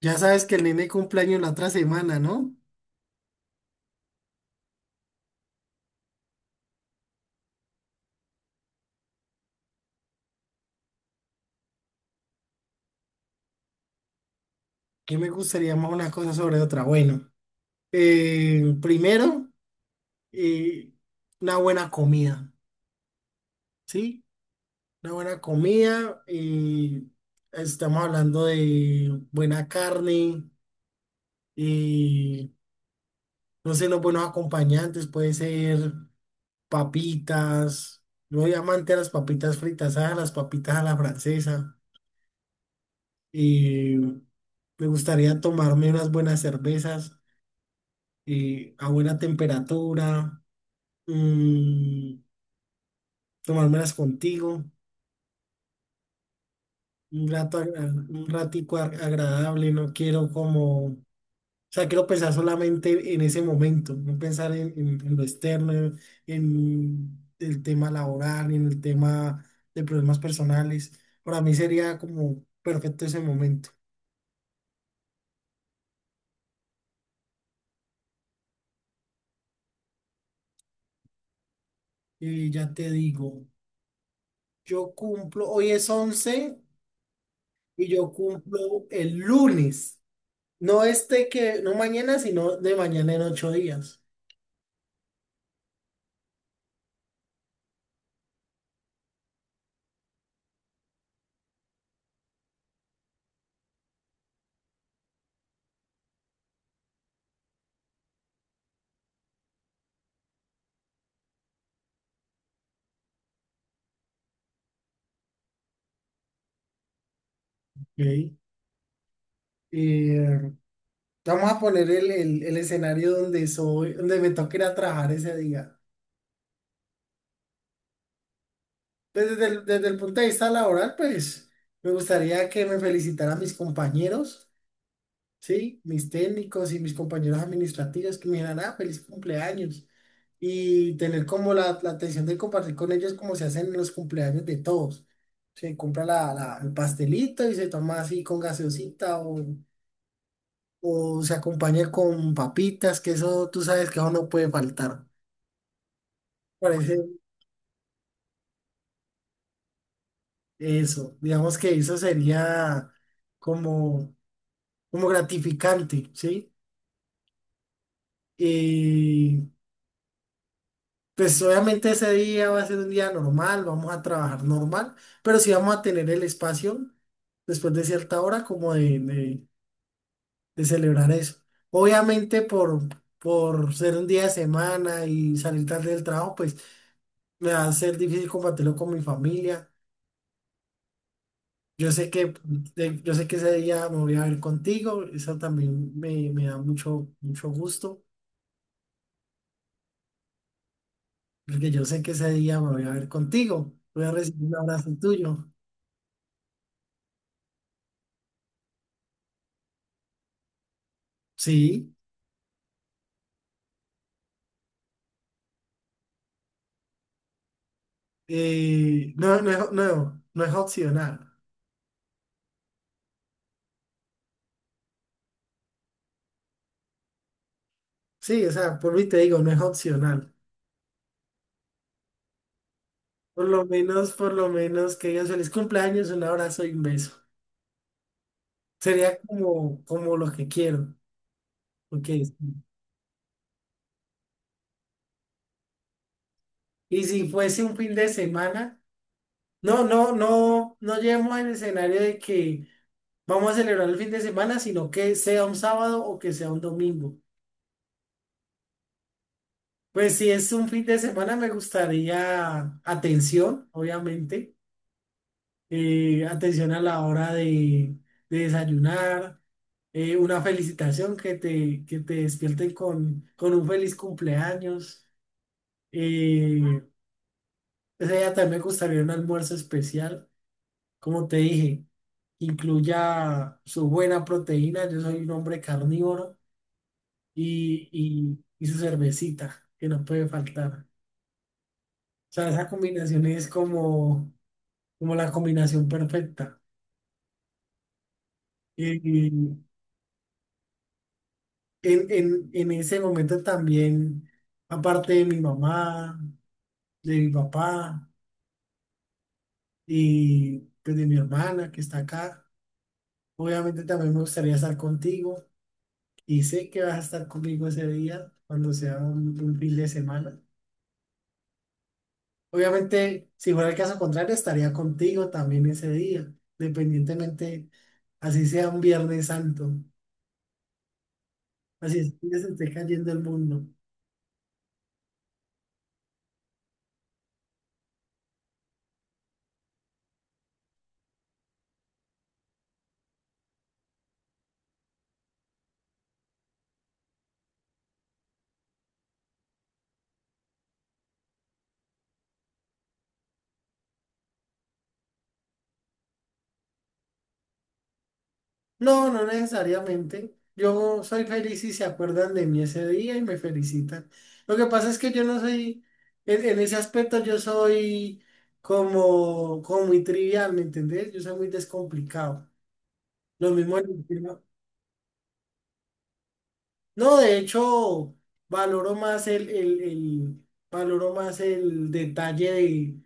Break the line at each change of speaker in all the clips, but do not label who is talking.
Ya sabes que el nene cumpleaños la otra semana, ¿no? ¿Qué me gustaría más una cosa sobre otra? Bueno, primero, eh, una buena comida, ¿sí? Una buena comida, estamos hablando de buena carne, eh, no sé, los buenos acompañantes, puede ser papitas, yo soy amante a las papitas fritas, a las papitas a la francesa, eh, me gustaría tomarme unas buenas cervezas. A buena temperatura, mm, tomármelas contigo, un rato, un ratico agradable, no quiero como, o sea, quiero pensar solamente en ese momento, no pensar en, en lo externo, en el tema laboral, en el tema de problemas personales. Para mí sería como perfecto ese momento. Y ya te digo, yo cumplo, hoy es 11 y yo cumplo el lunes. No este que, no mañana, sino de mañana en 8 días. Ok. Eh, vamos a poner el, el escenario donde soy, donde me toque ir a trabajar ese día. Pues desde el punto de vista laboral, pues me gustaría que me felicitaran mis compañeros. Sí, mis técnicos y mis compañeros administrativos que me dijeran, ah, feliz cumpleaños. Y tener como la atención de compartir con ellos como se hacen en los cumpleaños de todos. Se compra la, el pastelito y se toma así con gaseosita o se acompaña con papitas, que eso tú sabes que eso no puede faltar. Parece eso. Digamos que eso sería como, como gratificante, ¿sí? Pues obviamente ese día va a ser un día normal, vamos a trabajar normal, pero sí vamos a tener el espacio después de cierta hora como de, de celebrar eso. Obviamente por ser un día de semana y salir tarde del trabajo, pues me va a ser difícil compartirlo con mi familia. Yo sé que, yo sé que ese día me voy a ver contigo, eso también me da mucho, mucho gusto, porque yo sé que ese día me voy a ver contigo, voy a recibir un abrazo tuyo. Sí. Y no, no es, no, no es opcional. Sí, o sea, por mí te digo, no es opcional. Por lo menos que digas feliz cumpleaños, un abrazo y un beso. Sería como, como lo que quiero. Ok. Y si fuese un fin de semana, no, no, no, no lleguemos al escenario de que vamos a celebrar el fin de semana, sino que sea un sábado o que sea un domingo. Pues si es un fin de semana, me gustaría atención, obviamente atención a la hora de desayunar, una felicitación que te despierten con un feliz cumpleaños. Eh, ese día también me gustaría un almuerzo especial, como te dije, incluya su buena proteína, yo soy un hombre carnívoro, y su cervecita, que no puede faltar. O sea, esa combinación es como, como la combinación perfecta. Y en, en ese momento también, aparte de mi mamá, de mi papá y pues, de mi hermana que está acá, obviamente también me gustaría estar contigo y sé que vas a estar conmigo ese día cuando sea un fin de semana. Obviamente, si fuera el caso contrario, estaría contigo también ese día, dependientemente así sea un Viernes Santo, así es que se esté cayendo el mundo. No, no necesariamente. Yo soy feliz si se acuerdan de mí ese día y me felicitan. Lo que pasa es que yo no soy, en ese aspecto yo soy como, como muy trivial, ¿me entendés? Yo soy muy descomplicado. Lo mismo en el tema. No, de hecho, valoro más el, valoro más el detalle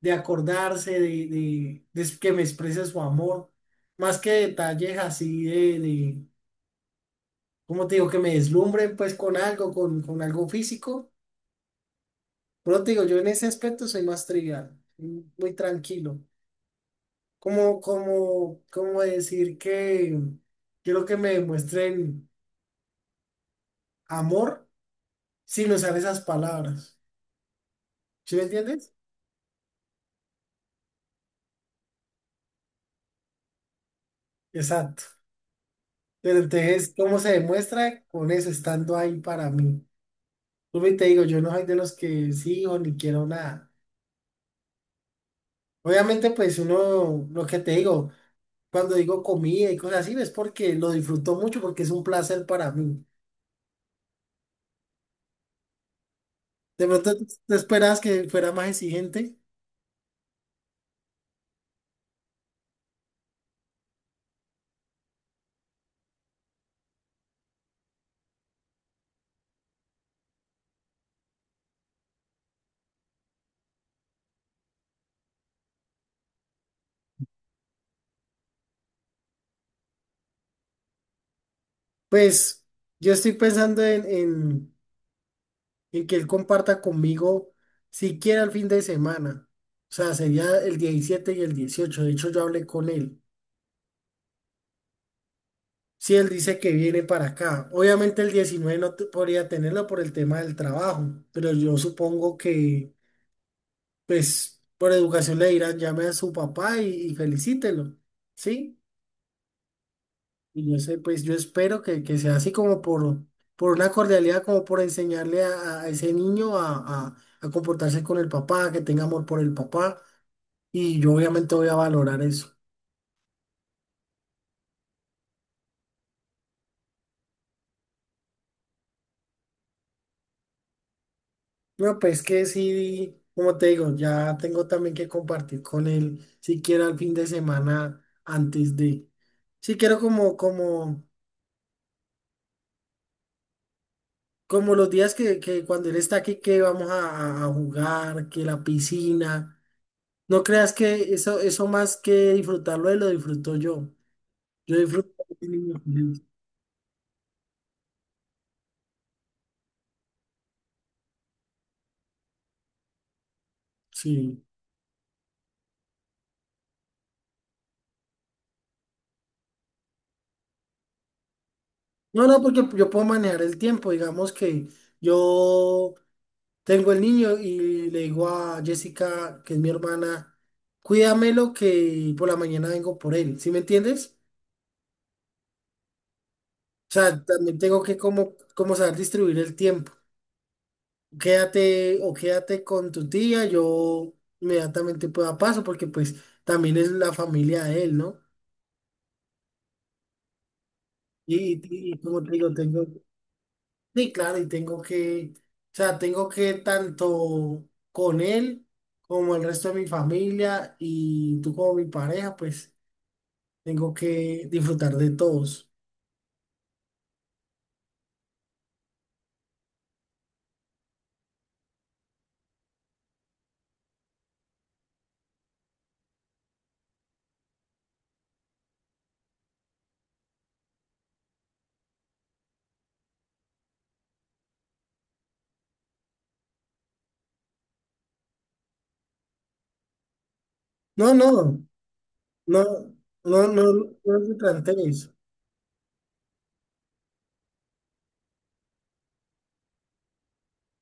de acordarse, de que me exprese su amor, más que detalles así de, de. Cómo te digo, que me deslumbre pues con algo físico. Pero te digo, yo en ese aspecto soy más trivial, muy tranquilo. Como, como, como decir que quiero que me demuestren amor sin usar esas palabras. ¿Sí me entiendes? Exacto. Pero entonces, ¿cómo se demuestra? Con eso, estando ahí para mí. Vuelvo y te digo, yo no soy de los que sí o ni quiero nada. Obviamente, pues uno, lo que te digo. Cuando digo comida y cosas así, es porque lo disfruto mucho, porque es un placer para mí. De pronto tú esperabas que fuera más exigente. Pues yo estoy pensando en, en que él comparta conmigo siquiera el fin de semana. O sea, sería el 17 y el 18. De hecho, yo hablé con él. Si él dice que viene para acá, obviamente el 19 no te- podría tenerlo por el tema del trabajo, pero yo supongo que, pues, por educación le dirán, llame a su papá y felicítelo. ¿Sí? Y yo sé, pues yo espero que sea así como por una cordialidad, como por enseñarle a ese niño a, a comportarse con el papá, que tenga amor por el papá. Y yo obviamente voy a valorar eso. No pues que sí, como te digo, ya tengo también que compartir con él, siquiera el fin de semana antes de... Si quiero como, como, como los días que cuando él está aquí, que vamos a, a jugar, que la piscina. No creas que eso más que disfrutarlo, él lo disfruto yo. Yo disfruto. De mi niño. Sí. No, no, porque yo puedo manejar el tiempo. Digamos que yo tengo el niño y le digo a Jessica, que es mi hermana, cuídamelo que por la mañana vengo por él. ¿Sí me entiendes? O sea, también tengo que como, como saber distribuir el tiempo. Quédate o quédate con tu tía, yo inmediatamente pueda paso porque pues también es la familia de él, ¿no? Y, y como te digo, tengo, sí, claro, y tengo que, o sea, tengo que tanto con él como el resto de mi familia y tú como mi pareja, pues tengo que disfrutar de todos. No, no, no, no, no, no replantees.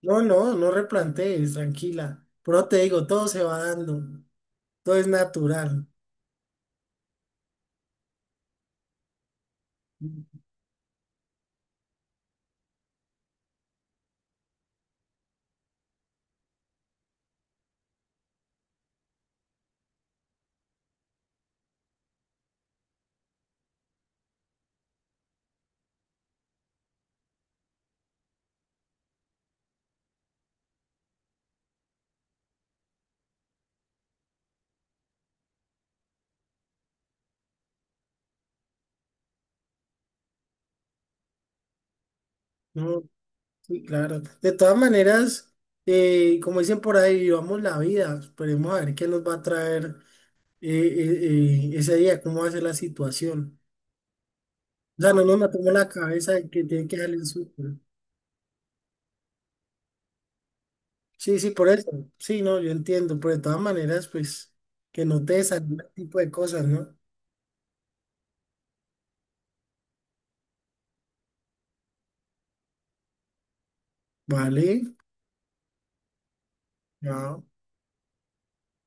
No, no, no replantees, tranquila. Pero te digo, todo se va dando, todo es natural. No, sí, claro. De todas maneras, como dicen por ahí, vivamos la vida. Esperemos a ver qué nos va a traer ese día, cómo va a ser la situación. O sea, no nos matemos la cabeza de que tiene que salir el súper. Sí, sí, por eso. Sí, no, yo entiendo. Pero de todas maneras, pues, que no te desanimen ese tipo de cosas, ¿no? Vale. Ya.